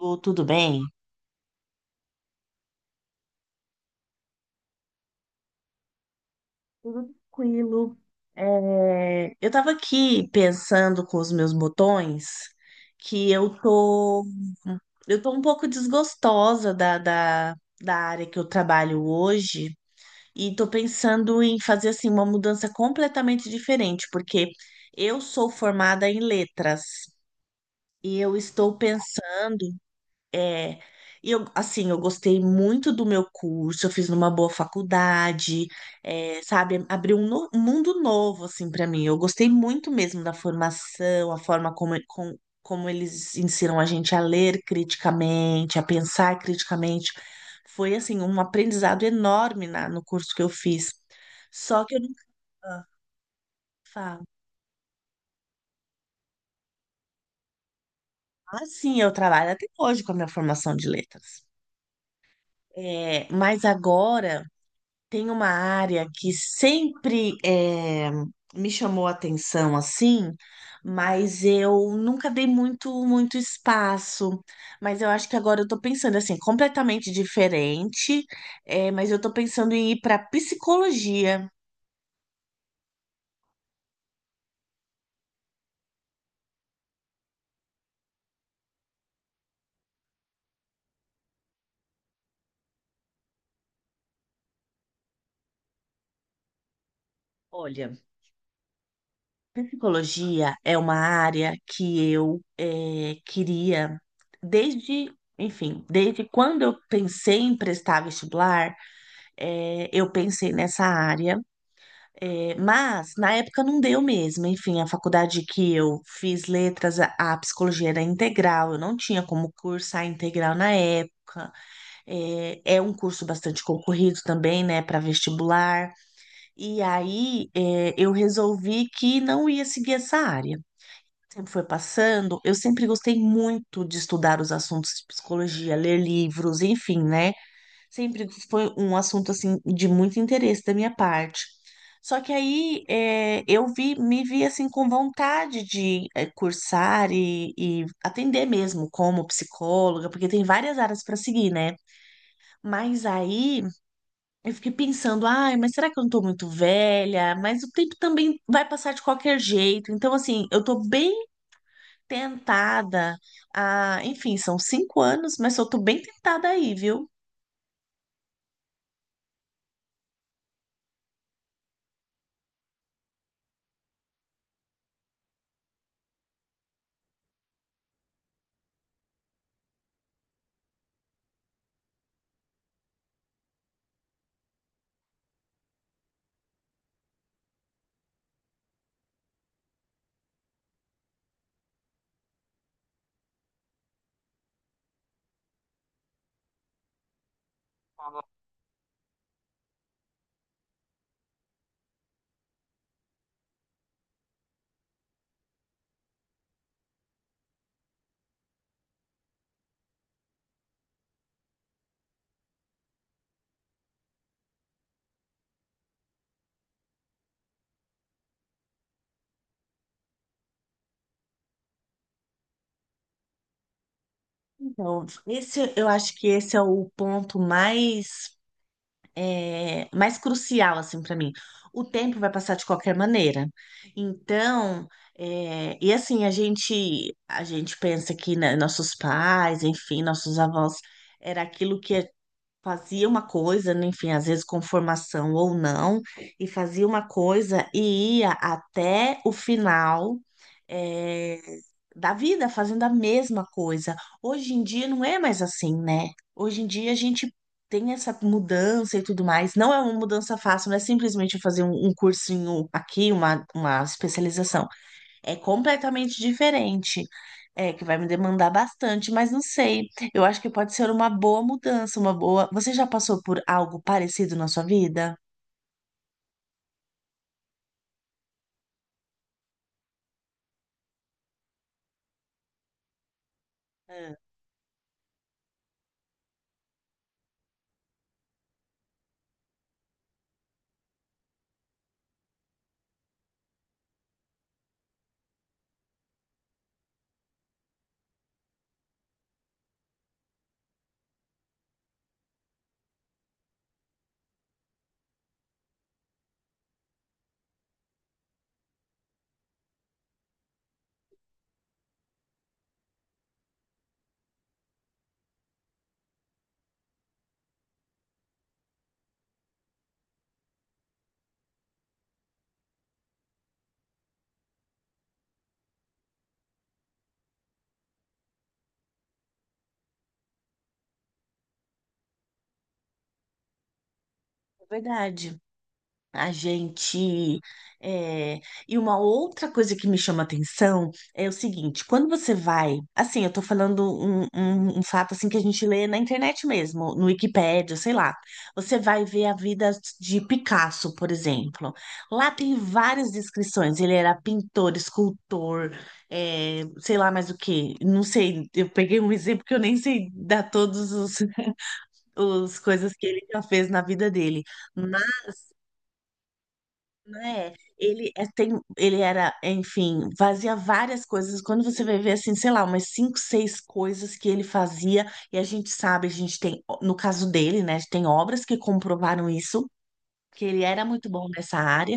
Lu, tudo bem? Tudo tranquilo. É, eu estava aqui pensando com os meus botões que eu tô um pouco desgostosa da área que eu trabalho hoje e tô pensando em fazer assim uma mudança completamente diferente, porque eu sou formada em letras e eu estou pensando. É, e eu, assim, eu gostei muito do meu curso, eu fiz numa boa faculdade, é, sabe, abriu um mundo novo, assim, para mim. Eu gostei muito mesmo da formação, a forma como como eles ensinam a gente a ler criticamente, a pensar criticamente. Foi, assim, um aprendizado enorme no curso que eu fiz. Só que eu nunca ah, falo, assim, eu trabalho até hoje com a minha formação de letras. É, mas agora. Tem uma área que sempre me chamou a atenção assim, mas eu nunca dei muito muito espaço. Mas eu acho que agora eu tô pensando assim, completamente diferente, mas eu tô pensando em ir para psicologia. Olha, psicologia é uma área que eu queria desde, enfim, desde quando eu pensei em prestar vestibular, eu pensei nessa área. É, mas na época não deu mesmo. Enfim, a faculdade que eu fiz letras, a psicologia era integral, eu não tinha como cursar integral na época. É, é um curso bastante concorrido também, né, para vestibular. E aí é, eu resolvi que não ia seguir essa área. Sempre foi passando, eu sempre gostei muito de estudar os assuntos de psicologia, ler livros, enfim, né? Sempre foi um assunto assim de muito interesse da minha parte. Só que aí é, eu vi, me vi assim com vontade de é, cursar e atender mesmo como psicóloga, porque tem várias áreas para seguir, né? Mas aí eu fiquei pensando, ai, mas será que eu não tô muito velha? Mas o tempo também vai passar de qualquer jeito. Então, assim, eu tô bem tentada a, enfim, são 5 anos, mas eu tô bem tentada aí, viu? Então, esse, eu acho que esse é o ponto mais, é, mais crucial, assim, para mim. O tempo vai passar de qualquer maneira. Então, é, e assim, a gente pensa que né, nossos pais, enfim, nossos avós, era aquilo que a fazia uma coisa, né, enfim, às vezes com formação ou não, e fazia uma coisa e ia até o final, eh, da vida fazendo a mesma coisa. Hoje em dia não é mais assim, né? Hoje em dia a gente tem essa mudança e tudo mais. Não é uma mudança fácil, não é simplesmente eu fazer um cursinho aqui, uma especialização é completamente diferente. É, que vai me demandar bastante, mas não sei. Eu acho que pode ser uma boa mudança, uma boa. Você já passou por algo parecido na sua vida? É, é verdade. A gente. É, E uma outra coisa que me chama atenção é o seguinte: quando você vai. Assim, eu tô falando um fato assim que a gente lê na internet mesmo, no Wikipédia, sei lá. Você vai ver a vida de Picasso, por exemplo. Lá tem várias descrições. Ele era pintor, escultor, é, sei lá mais o quê. Não sei, eu peguei um exemplo que eu nem sei dar todos os, os coisas que ele já fez na vida dele, né? Ele é, tem, ele era, enfim, fazia várias coisas. Quando você vai ver assim, sei lá, umas cinco, seis coisas que ele fazia, e a gente sabe, a gente tem, no caso dele, né, tem obras que comprovaram isso. Que ele era muito bom nessa área,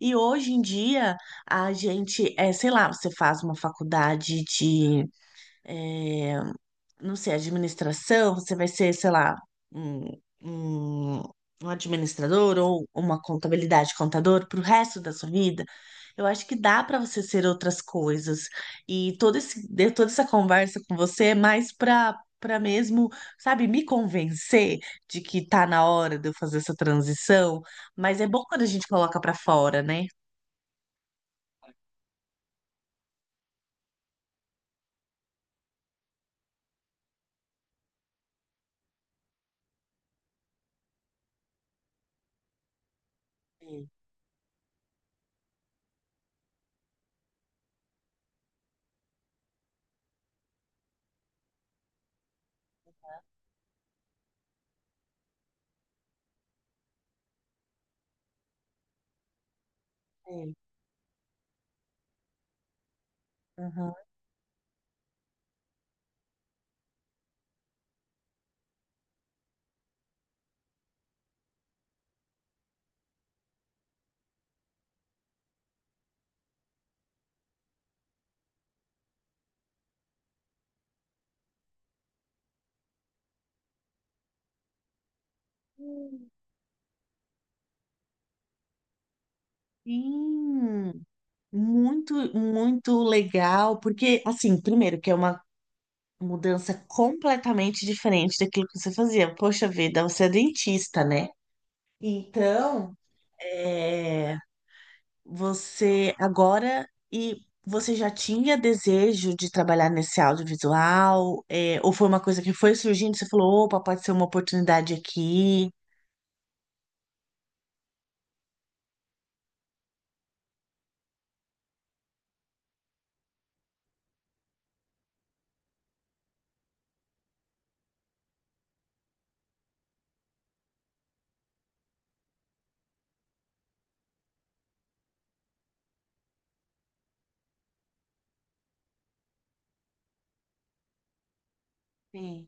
e hoje em dia a gente, é, sei lá, você faz uma faculdade de, é, não sei, administração, você vai ser, sei lá, um, um, um administrador ou uma contabilidade contador para o resto da sua vida. Eu acho que dá para você ser outras coisas. E todo esse, de- toda essa conversa com você é mais para mesmo, sabe, me convencer de que tá na hora de eu fazer essa transição. Mas é bom quando a gente coloca para fora, né? Sim, sim. Aham. Sim. Muito, muito legal, porque, assim, primeiro, que é uma mudança completamente diferente daquilo que você fazia. Poxa vida, você é dentista, né? Então, é, você agora, e você já tinha desejo de trabalhar nesse audiovisual? É, ou foi uma coisa que foi surgindo, você falou, opa, pode ser uma oportunidade aqui? Sim,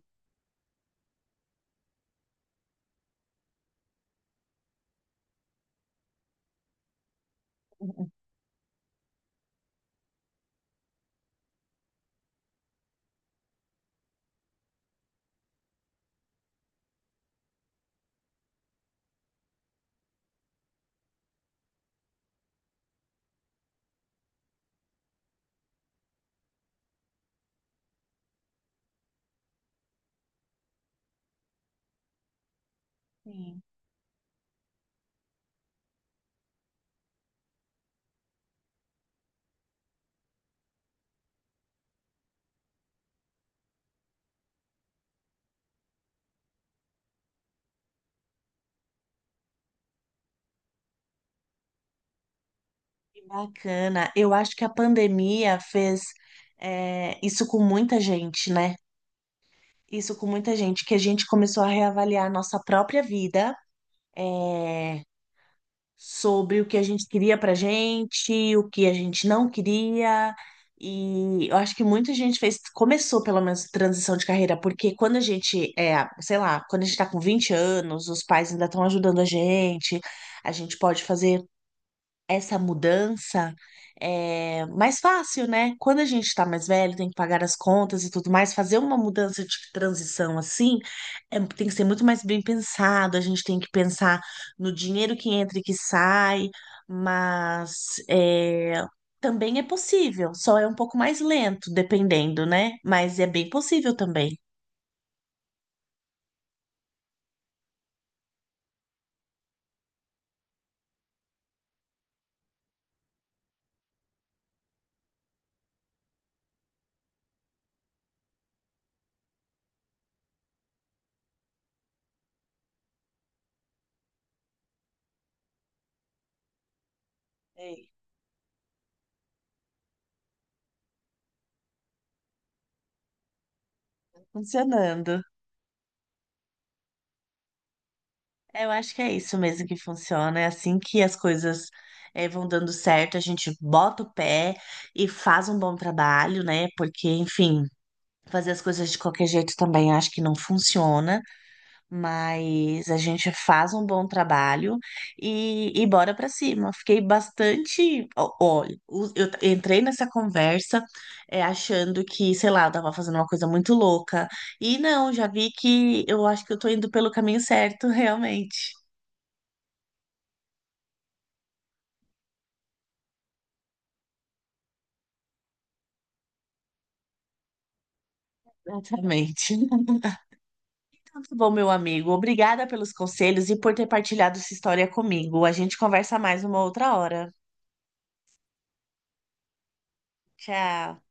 sim. Que bacana. Eu acho que a pandemia fez, é, isso com muita gente, né? Isso com muita gente, que a gente começou a reavaliar a nossa própria vida, é, sobre o que a gente queria pra gente, o que a gente não queria. E eu acho que muita gente fez, começou pelo menos transição de carreira, porque quando a gente é, sei lá, quando a gente tá com 20 anos, os pais ainda estão ajudando a gente pode fazer essa mudança é mais fácil, né? Quando a gente tá mais velho, tem que pagar as contas e tudo mais, fazer uma mudança de transição assim, é- tem que ser muito mais bem pensado, a gente tem que pensar no dinheiro que entra e que sai, mas é, também é possível, só é um pouco mais lento, dependendo, né? Mas é bem possível também. É, funcionando. É, eu acho que é isso mesmo que funciona. É assim que as coisas vão dando certo, a gente bota o pé e faz um bom trabalho, né? Porque, enfim, fazer as coisas de qualquer jeito também acho que não funciona, mas a gente faz um bom trabalho e bora pra cima. Fiquei bastante. Olha, entrei nessa conversa achando que, sei lá, eu tava fazendo uma coisa muito louca. E não, já vi que eu acho que eu tô indo pelo caminho certo, realmente. Exatamente. Então, tá bom, meu amigo. Obrigada pelos conselhos e por ter partilhado sua história comigo. A gente conversa mais uma outra hora. Tchau.